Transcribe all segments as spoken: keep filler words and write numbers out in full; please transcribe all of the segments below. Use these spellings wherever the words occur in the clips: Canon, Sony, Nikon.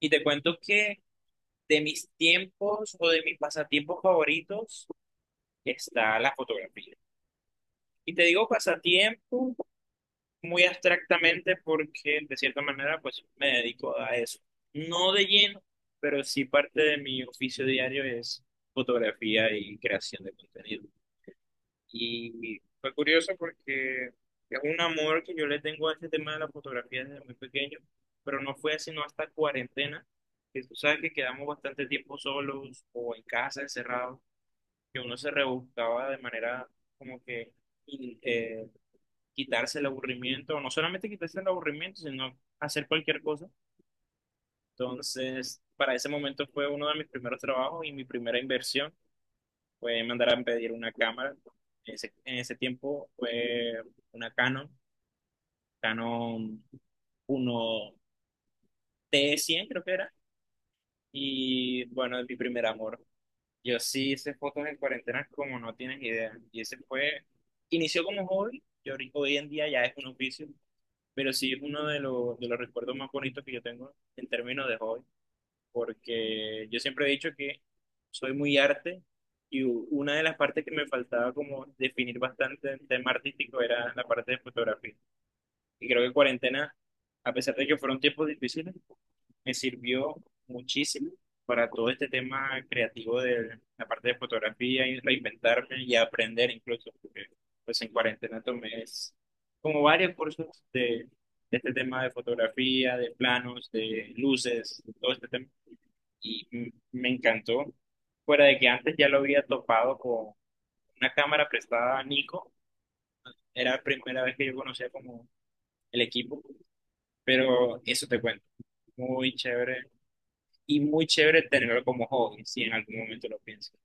Y te cuento que de mis tiempos o de mis pasatiempos favoritos está la fotografía. Y te digo pasatiempo muy abstractamente porque de cierta manera pues me dedico a eso. No de lleno, pero sí parte de mi oficio diario es fotografía y creación de contenido. Y fue curioso porque es un amor que yo le tengo a este tema de la fotografía desde muy pequeño, pero no fue sino hasta cuarentena, que tú sabes que quedamos bastante tiempo solos o en casa, encerrados, que uno se rebuscaba de manera como que in- eh, quitarse el aburrimiento, o no solamente quitarse el aburrimiento, sino hacer cualquier cosa. Entonces, para ese momento fue uno de mis primeros trabajos y mi primera inversión fue mandar a pedir una cámara. En ese, en ese tiempo fue una Canon, Canon uno te cien creo que era. Y bueno, es mi primer amor. Yo sí hice fotos en cuarentena como no tienes idea. Y ese fue, inició como hobby, y ahori- hoy en día ya es un oficio, pero sí es uno de los, de los recuerdos más bonitos que yo tengo en términos de hobby. Porque yo siempre he dicho que soy muy arte y u- una de las partes que me faltaba como definir bastante el tema artístico era la parte de fotografía. Y creo que cuarentena, a pesar de que fueron tiempos difíciles, me sirvió muchísimo para todo este tema creativo de la parte de fotografía y reinventarme y aprender incluso, porque pues en cuarentena tomé es- como varios cursos de, de este tema de fotografía, de planos, de luces, de todo este tema, y m- me encantó. Fuera de que antes ya lo había topado con una cámara prestada a Nico, era la primera vez que yo conocía como el equipo, pero eso te cuento, muy chévere y muy chévere tenerlo como hobby, si en algún momento lo piensas.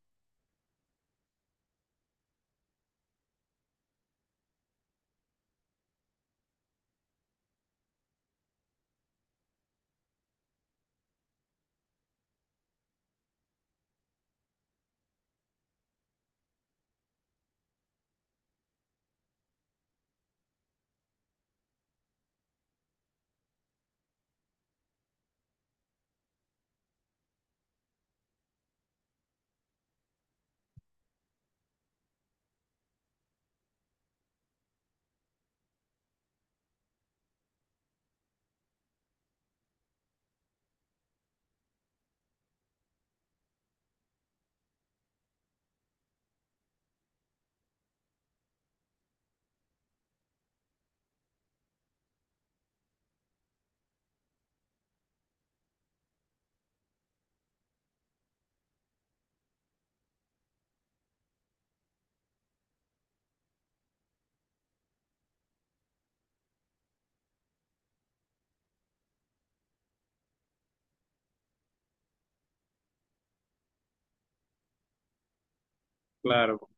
Claro.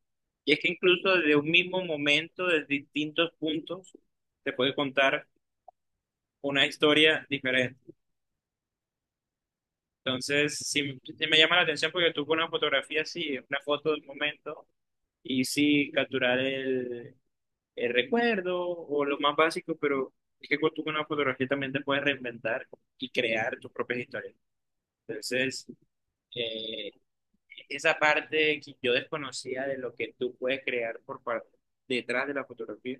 Y es que incluso desde un mismo momento, desde distintos puntos, te puede contar una historia diferente. Entonces, sí, sí me llama la atención porque tú con una fotografía así, una foto del momento, y sí capturar el, el recuerdo o lo más básico, pero es que con- tú con una fotografía también te puedes reinventar y crear tus propias historias. Entonces, eh, esa parte que yo desconocía de lo que tú puedes crear por par- detrás de la fotografía,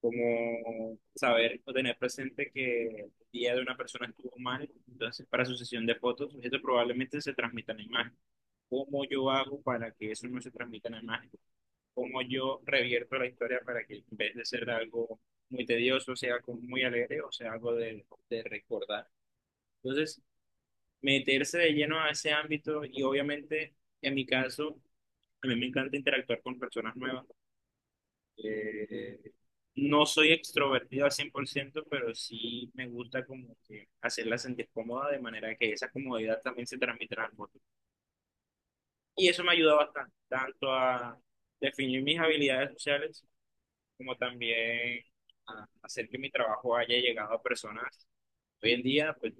como saber o tener presente que el día de una persona estuvo mal, entonces para su sesión de fotos, esto probablemente se transmita en la imagen. ¿Cómo yo hago para que eso no se transmita en la imagen? ¿Cómo yo revierto la historia para que en vez de ser algo muy tedioso, sea algo muy alegre o sea algo de, de recordar? Entonces, meterse de lleno a ese ámbito y obviamente, en mi caso, a mí me encanta interactuar con personas nuevas. Eh, no soy extrovertido al cien por ciento, pero sí me gusta como que hacerla sentir cómoda de manera que esa comodidad también se transmita al otro. Y eso me ayuda bastante, tanto a definir mis habilidades sociales como también a hacer que mi trabajo haya llegado a personas. Hoy en día, pues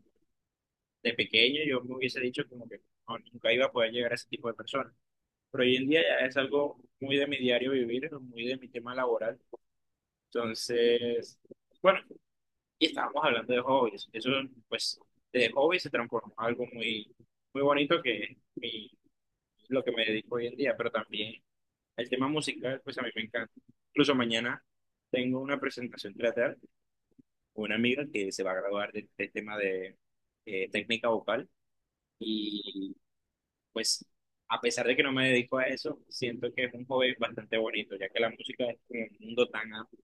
de pequeño yo me hubiese dicho como que no, nunca iba a poder llegar a ese tipo de personas. Pero hoy en día ya es algo muy de mi diario vivir, muy de mi tema laboral. Entonces, bueno, y estábamos hablando de hobbies. Eso, pues, de hobby se transformó en algo muy, muy bonito que es mi- lo que me dedico hoy en día, pero también el tema musical, pues a mí me encanta. Incluso mañana tengo una presentación teatral con una amiga que se va a graduar de, de tema de eh, técnica vocal y pues a pesar de que no me dedico a eso, siento que es un hobby bastante bonito, ya que la música es como un mundo tan amplio.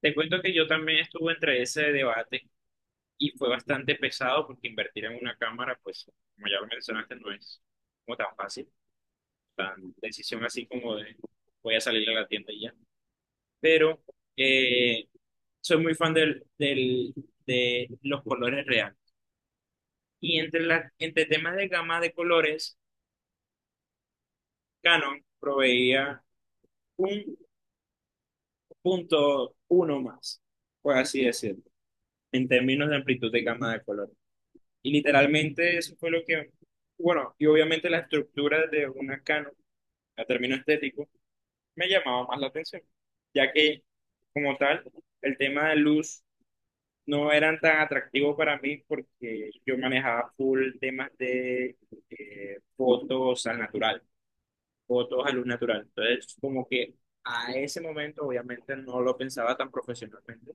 Te cuento que yo también estuve entre ese debate y fue bastante pesado porque invertir en una cámara, pues, como ya lo mencionaste, no es como tan fácil, tan decisión así como de voy a salir a la tienda y ya. Pero eh, soy muy fan del, del- de los colores reales. Y entre, la, entre temas de gama de colores, Canon proveía un punto uno más, por así decirlo, en términos de amplitud de gama de colores. Y literalmente eso fue lo que, bueno, y obviamente la estructura de una Canon a término estético, me llamaba más la atención, ya que como tal, el tema de luz no eran tan atractivo para mí porque yo manejaba full temas de eh, fotos al natural, fotos a luz natural. Entonces, como que a ese momento obviamente no lo pensaba tan profesionalmente,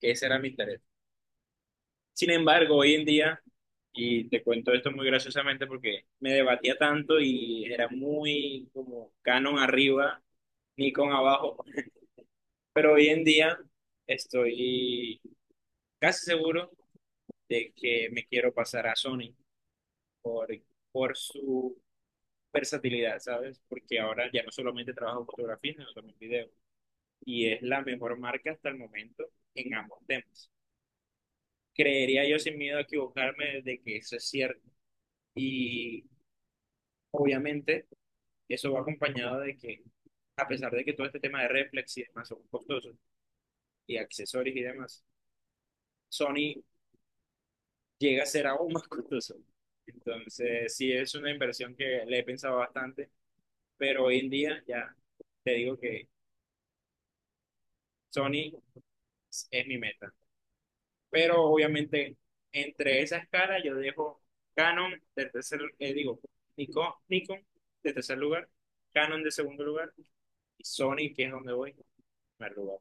que ese era mi interés. Sin embargo, hoy en día... Y te cuento esto muy graciosamente porque me debatía tanto y era muy como Canon arriba, Nikon abajo. Pero hoy en día estoy casi seguro de que me quiero pasar a Sony por, por su versatilidad, ¿sabes? Porque ahora ya no solamente trabajo en fotografía, sino también en video. Y es la mejor marca hasta el momento en ambos temas. Creería yo sin miedo a equivocarme de que eso es cierto. Y obviamente eso va acompañado de que, a pesar de que todo este tema de reflex y demás son costosos, y accesorios y demás, Sony llega a ser aún más costoso. Entonces, sí es una inversión que le he pensado bastante, pero hoy en día ya te digo que Sony es mi meta. Pero obviamente, entre esa escala yo dejo Canon de tercer, eh, digo, Nikon, Nikon de tercer lugar, Canon de segundo lugar y Sony, que es donde voy, en primer lugar.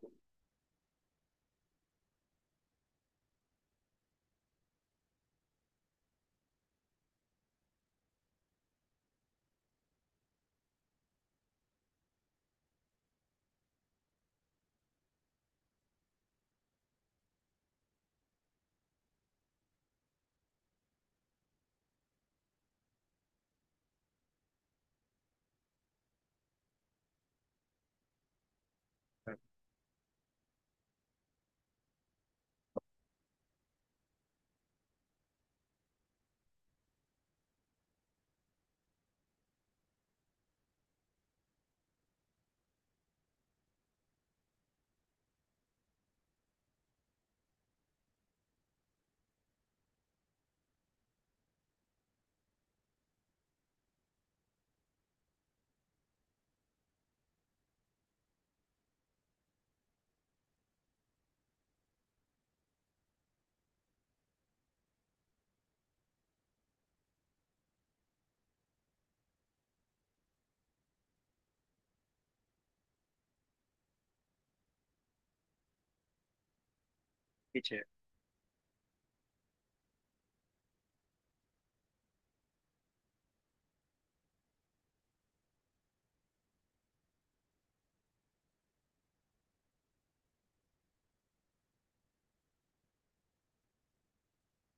Qué chévere.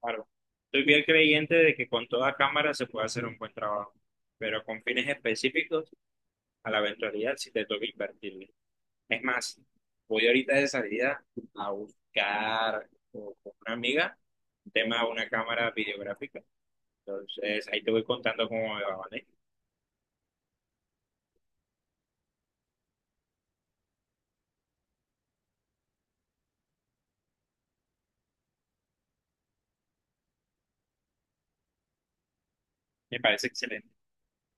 Claro. Estoy bien creyente de que con toda cámara se puede hacer un buen trabajo, pero con fines específicos a la eventualidad si te toca invertirle. Es más, voy ahorita de salida a buscar con con una amiga un tema de una cámara videográfica. Entonces, ahí te voy contando cómo me va, ¿vale? Me parece excelente.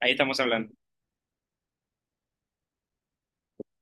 Ahí estamos hablando.